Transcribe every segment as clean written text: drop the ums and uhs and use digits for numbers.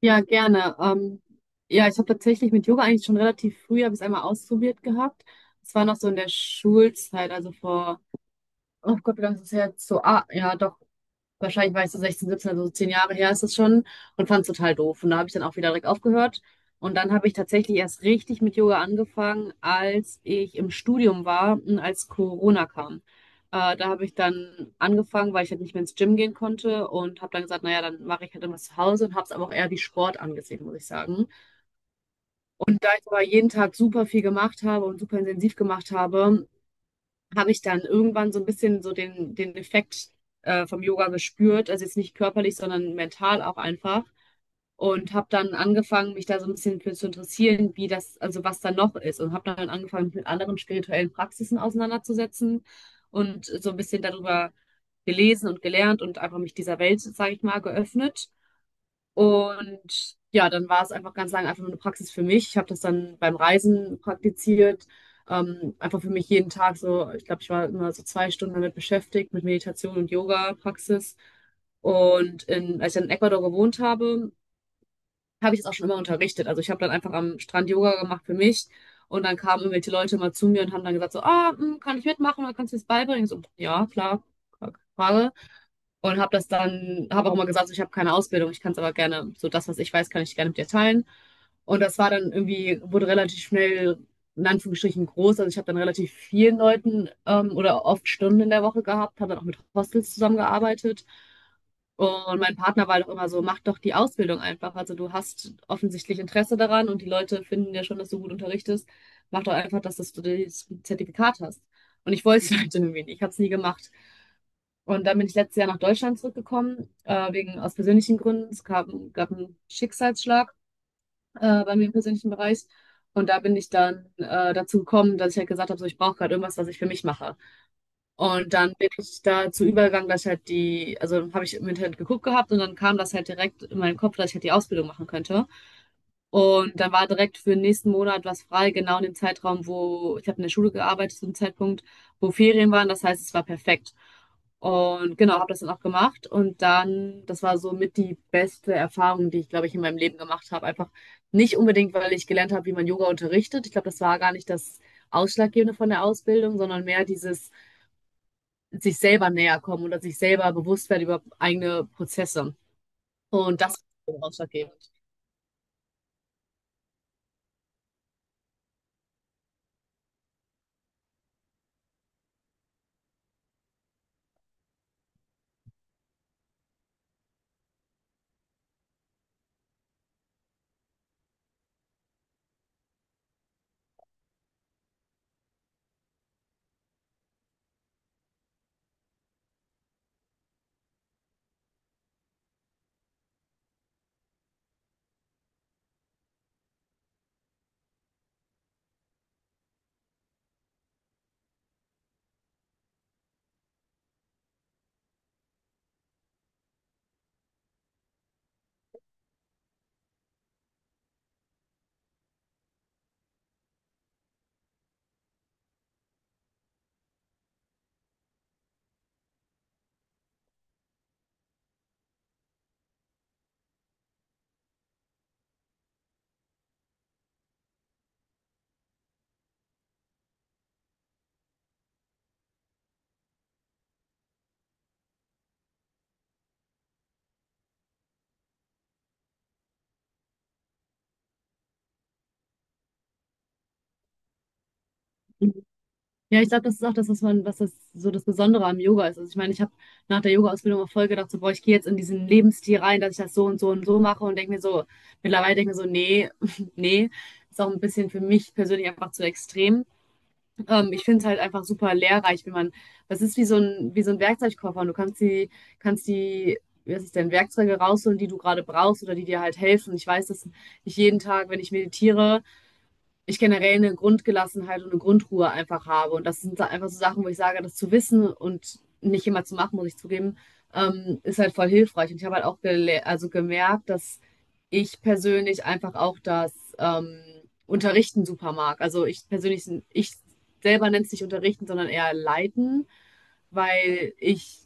Ja, gerne. Ja, ich habe tatsächlich mit Yoga eigentlich schon relativ früh, habe ich es einmal ausprobiert gehabt. Es war noch so in der Schulzeit, also vor, oh Gott, wie lange ist das her? So, ja, doch. Wahrscheinlich war ich so 16, 17, also so 10 Jahre her ist es schon und fand es total doof. Und da habe ich dann auch wieder direkt aufgehört. Und dann habe ich tatsächlich erst richtig mit Yoga angefangen, als ich im Studium war und als Corona kam. Da habe ich dann angefangen, weil ich halt nicht mehr ins Gym gehen konnte und habe dann gesagt, naja, dann mache ich halt immer zu Hause und habe es aber auch eher wie Sport angesehen, muss ich sagen. Weil ich aber jeden Tag super viel gemacht habe und super intensiv gemacht habe, habe ich dann irgendwann so ein bisschen so den Effekt vom Yoga gespürt. Also jetzt nicht körperlich, sondern mental auch einfach. Und habe dann angefangen, mich da so ein bisschen für zu interessieren, wie das, also was da noch ist. Und habe dann angefangen, mich mit anderen spirituellen Praxisen auseinanderzusetzen und so ein bisschen darüber gelesen und gelernt und einfach mich dieser Welt, sage ich mal, geöffnet. Und ja, dann war es einfach ganz lange einfach nur eine Praxis für mich. Ich habe das dann beim Reisen praktiziert. Einfach für mich jeden Tag so, ich glaube, ich war immer so 2 Stunden damit beschäftigt, mit Meditation und Yoga-Praxis. Und in, als ich dann in Ecuador gewohnt habe, habe ich das auch schon immer unterrichtet. Also ich habe dann einfach am Strand Yoga gemacht für mich. Und dann kamen irgendwelche Leute mal zu mir und haben dann gesagt so, kann ich mitmachen oder kannst du mir das beibringen? Ich So, ja, klar, keine Frage. Und habe das dann, habe auch immer gesagt, so, ich habe keine Ausbildung, ich kann es aber gerne, so das, was ich weiß, kann ich gerne mit dir teilen. Und das war dann irgendwie, wurde relativ schnell, in Anführungsstrichen, groß. Also ich habe dann relativ vielen Leuten oder oft Stunden in der Woche gehabt, habe dann auch mit Hostels zusammengearbeitet. Und mein Partner war doch immer so, mach doch die Ausbildung einfach. Also du hast offensichtlich Interesse daran und die Leute finden ja schon, dass du gut unterrichtest. Mach doch einfach, dass du das Zertifikat hast. Und ich wollte es halt irgendwie nicht. Ich habe es nie gemacht. Und dann bin ich letztes Jahr nach Deutschland zurückgekommen, wegen aus persönlichen Gründen. Es gab einen Schicksalsschlag bei mir im persönlichen Bereich. Und da bin ich dann dazu gekommen, dass ich halt gesagt habe, so, ich brauche gerade irgendwas, was ich für mich mache. Und dann bin ich dazu übergegangen, dass ich halt also habe ich im Internet geguckt gehabt und dann kam das halt direkt in meinen Kopf, dass ich halt die Ausbildung machen könnte. Und dann war direkt für den nächsten Monat was frei, genau in dem Zeitraum, wo ich habe in der Schule gearbeitet, zu dem Zeitpunkt, wo Ferien waren. Das heißt, es war perfekt. Und genau, habe das dann auch gemacht. Und dann, das war so mit die beste Erfahrung, die ich, glaube ich, in meinem Leben gemacht habe. Einfach nicht unbedingt, weil ich gelernt habe, wie man Yoga unterrichtet. Ich glaube, das war gar nicht das Ausschlaggebende von der Ausbildung, sondern mehr dieses sich selber näher kommen oder sich selber bewusst werden über eigene Prozesse. Und das ist so ausschlaggebend. Ja, ich glaube, das ist auch das, was man, was das so das Besondere am Yoga ist. Also ich meine, ich habe nach der Yoga-Ausbildung auch voll gedacht, so, boah, ich gehe jetzt in diesen Lebensstil rein, dass ich das so und so und so mache und denke mir so, mittlerweile denke ich mir so, nee, nee, ist auch ein bisschen für mich persönlich einfach zu extrem. Ich finde es halt einfach super lehrreich, wenn man, das ist wie so ein Werkzeugkoffer und du kannst die, was ist denn, Werkzeuge rausholen, die du gerade brauchst oder die dir halt helfen. Ich weiß, dass ich jeden Tag, wenn ich meditiere, ich generell eine Grundgelassenheit und eine Grundruhe einfach habe. Und das sind einfach so Sachen, wo ich sage, das zu wissen und nicht immer zu machen, muss ich zugeben, ist halt voll hilfreich. Und ich habe halt auch also gemerkt, dass ich persönlich einfach auch das ähm, Unterrichten super mag. Also ich persönlich, ich selber nenne es nicht Unterrichten, sondern eher Leiten, weil ich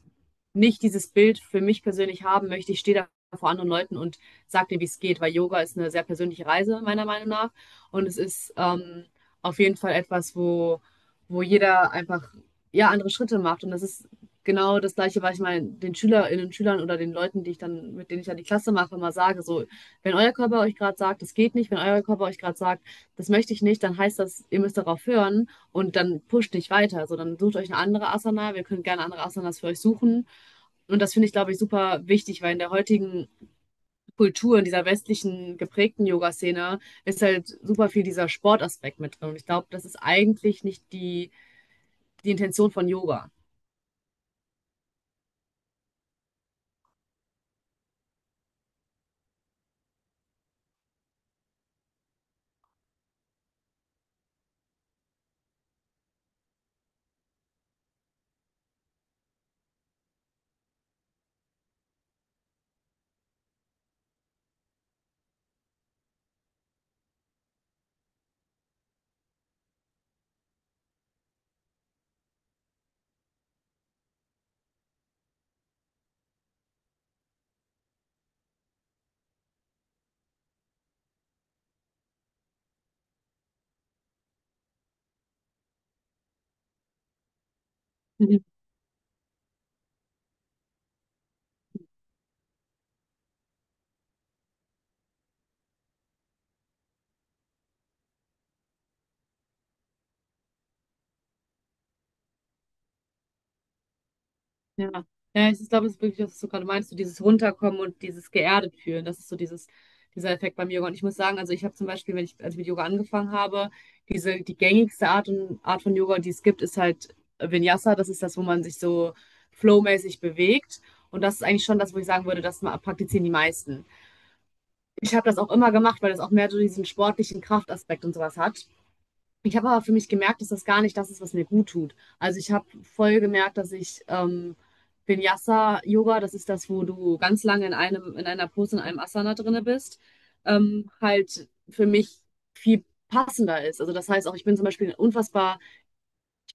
nicht dieses Bild für mich persönlich haben möchte. Ich stehe da vor anderen Leuten und sage dir, wie es geht, weil Yoga ist eine sehr persönliche Reise, meiner Meinung nach. Und es ist auf jeden Fall etwas, wo jeder einfach ja, andere Schritte macht. Und das ist genau das Gleiche, was ich meinen den Schülerinnen, Schülern oder den Leuten, die ich dann, mit denen ich dann die Klasse mache, immer sage. So, wenn euer Körper euch gerade sagt, das geht nicht, wenn euer Körper euch gerade sagt, das möchte ich nicht, dann heißt das, ihr müsst darauf hören und dann pusht nicht weiter. So, dann sucht euch eine andere Asana. Wir können gerne andere Asanas für euch suchen. Und das finde ich, glaube ich, super wichtig, weil in der heutigen Kultur, in dieser westlichen geprägten Yoga-Szene ist halt super viel dieser Sportaspekt mit drin. Und ich glaube, das ist eigentlich nicht die Intention von Yoga. Mhm. Ja. Ja, ich glaube, es ist wirklich, was du gerade meinst, so dieses Runterkommen und dieses geerdet fühlen. Das ist so dieses, dieser Effekt beim Yoga. Und ich muss sagen, also ich habe zum Beispiel, wenn ich, als ich mit Yoga angefangen habe, die gängigste Art von Yoga, die es gibt, ist halt Vinyasa. Das ist das, wo man sich so flowmäßig bewegt. Und das ist eigentlich schon das, wo ich sagen würde, das praktizieren die meisten. Ich habe das auch immer gemacht, weil das auch mehr so diesen sportlichen Kraftaspekt und sowas hat. Ich habe aber für mich gemerkt, dass das gar nicht das ist, was mir gut tut. Also ich habe voll gemerkt, dass ich Vinyasa-Yoga, das ist das, wo du ganz lange in einer Pose, in einem Asana drinne bist, halt für mich viel passender ist. Also das heißt auch, ich bin zum Beispiel ein unfassbar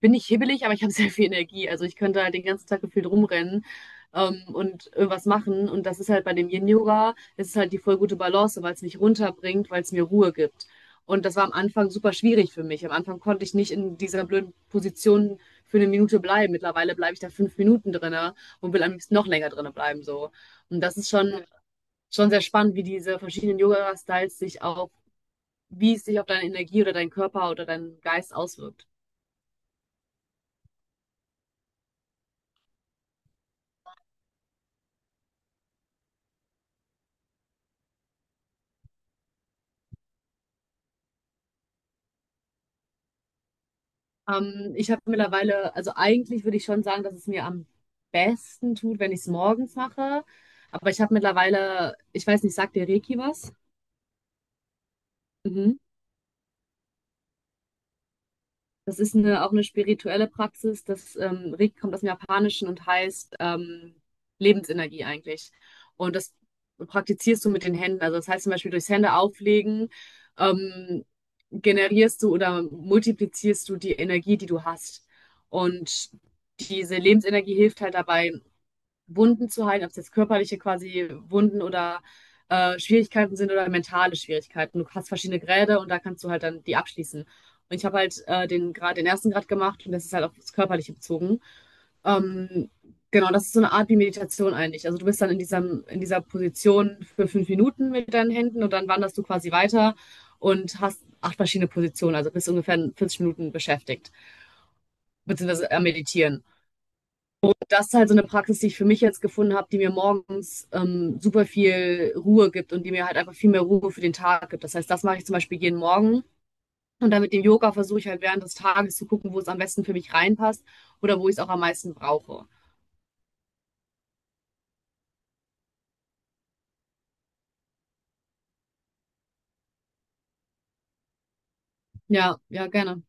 bin nicht hibbelig, aber ich habe sehr viel Energie. Also ich könnte halt den ganzen Tag gefühlt rumrennen und irgendwas machen. Und das ist halt bei dem Yin-Yoga, es ist halt die voll gute Balance, weil es mich runterbringt, weil es mir Ruhe gibt. Und das war am Anfang super schwierig für mich. Am Anfang konnte ich nicht in dieser blöden Position für eine Minute bleiben. Mittlerweile bleibe ich da 5 Minuten drinne und will am liebsten noch länger drinne bleiben, so. Und das ist schon sehr spannend, wie diese verschiedenen Yoga-Styles sich auch, wie es sich auf deine Energie oder deinen Körper oder deinen Geist auswirkt. Ich habe mittlerweile, also eigentlich würde ich schon sagen, dass es mir am besten tut, wenn ich es morgens mache. Aber ich habe mittlerweile, ich weiß nicht, sagt dir Reiki was? Mhm. Das ist eine, auch eine spirituelle Praxis. Das Reiki kommt aus dem Japanischen und heißt Lebensenergie eigentlich. Und das praktizierst du mit den Händen. Also das heißt zum Beispiel durchs Hände auflegen ähm, generierst du oder multiplizierst du die Energie, die du hast. Und diese Lebensenergie hilft halt dabei, Wunden zu heilen, ob es jetzt körperliche quasi Wunden oder Schwierigkeiten sind oder mentale Schwierigkeiten. Du hast verschiedene Grade und da kannst du halt dann die abschließen. Und ich habe halt den Grad, den ersten Grad gemacht und das ist halt auf das Körperliche bezogen. Ähm, genau, das ist so eine Art wie Meditation eigentlich. Also du bist dann in dieser Position für 5 Minuten mit deinen Händen und dann wanderst du quasi weiter und hast acht verschiedene Positionen, also bist ungefähr 40 Minuten beschäftigt, beziehungsweise am Meditieren das ist halt so eine Praxis, die ich für mich jetzt gefunden habe, die mir morgens super viel Ruhe gibt und die mir halt einfach viel mehr Ruhe für den Tag gibt. Das heißt, das mache ich zum Beispiel jeden Morgen. Und dann mit dem Yoga versuche ich halt während des Tages zu gucken, wo es am besten für mich reinpasst oder wo ich es auch am meisten brauche. Ja, ja, gerne.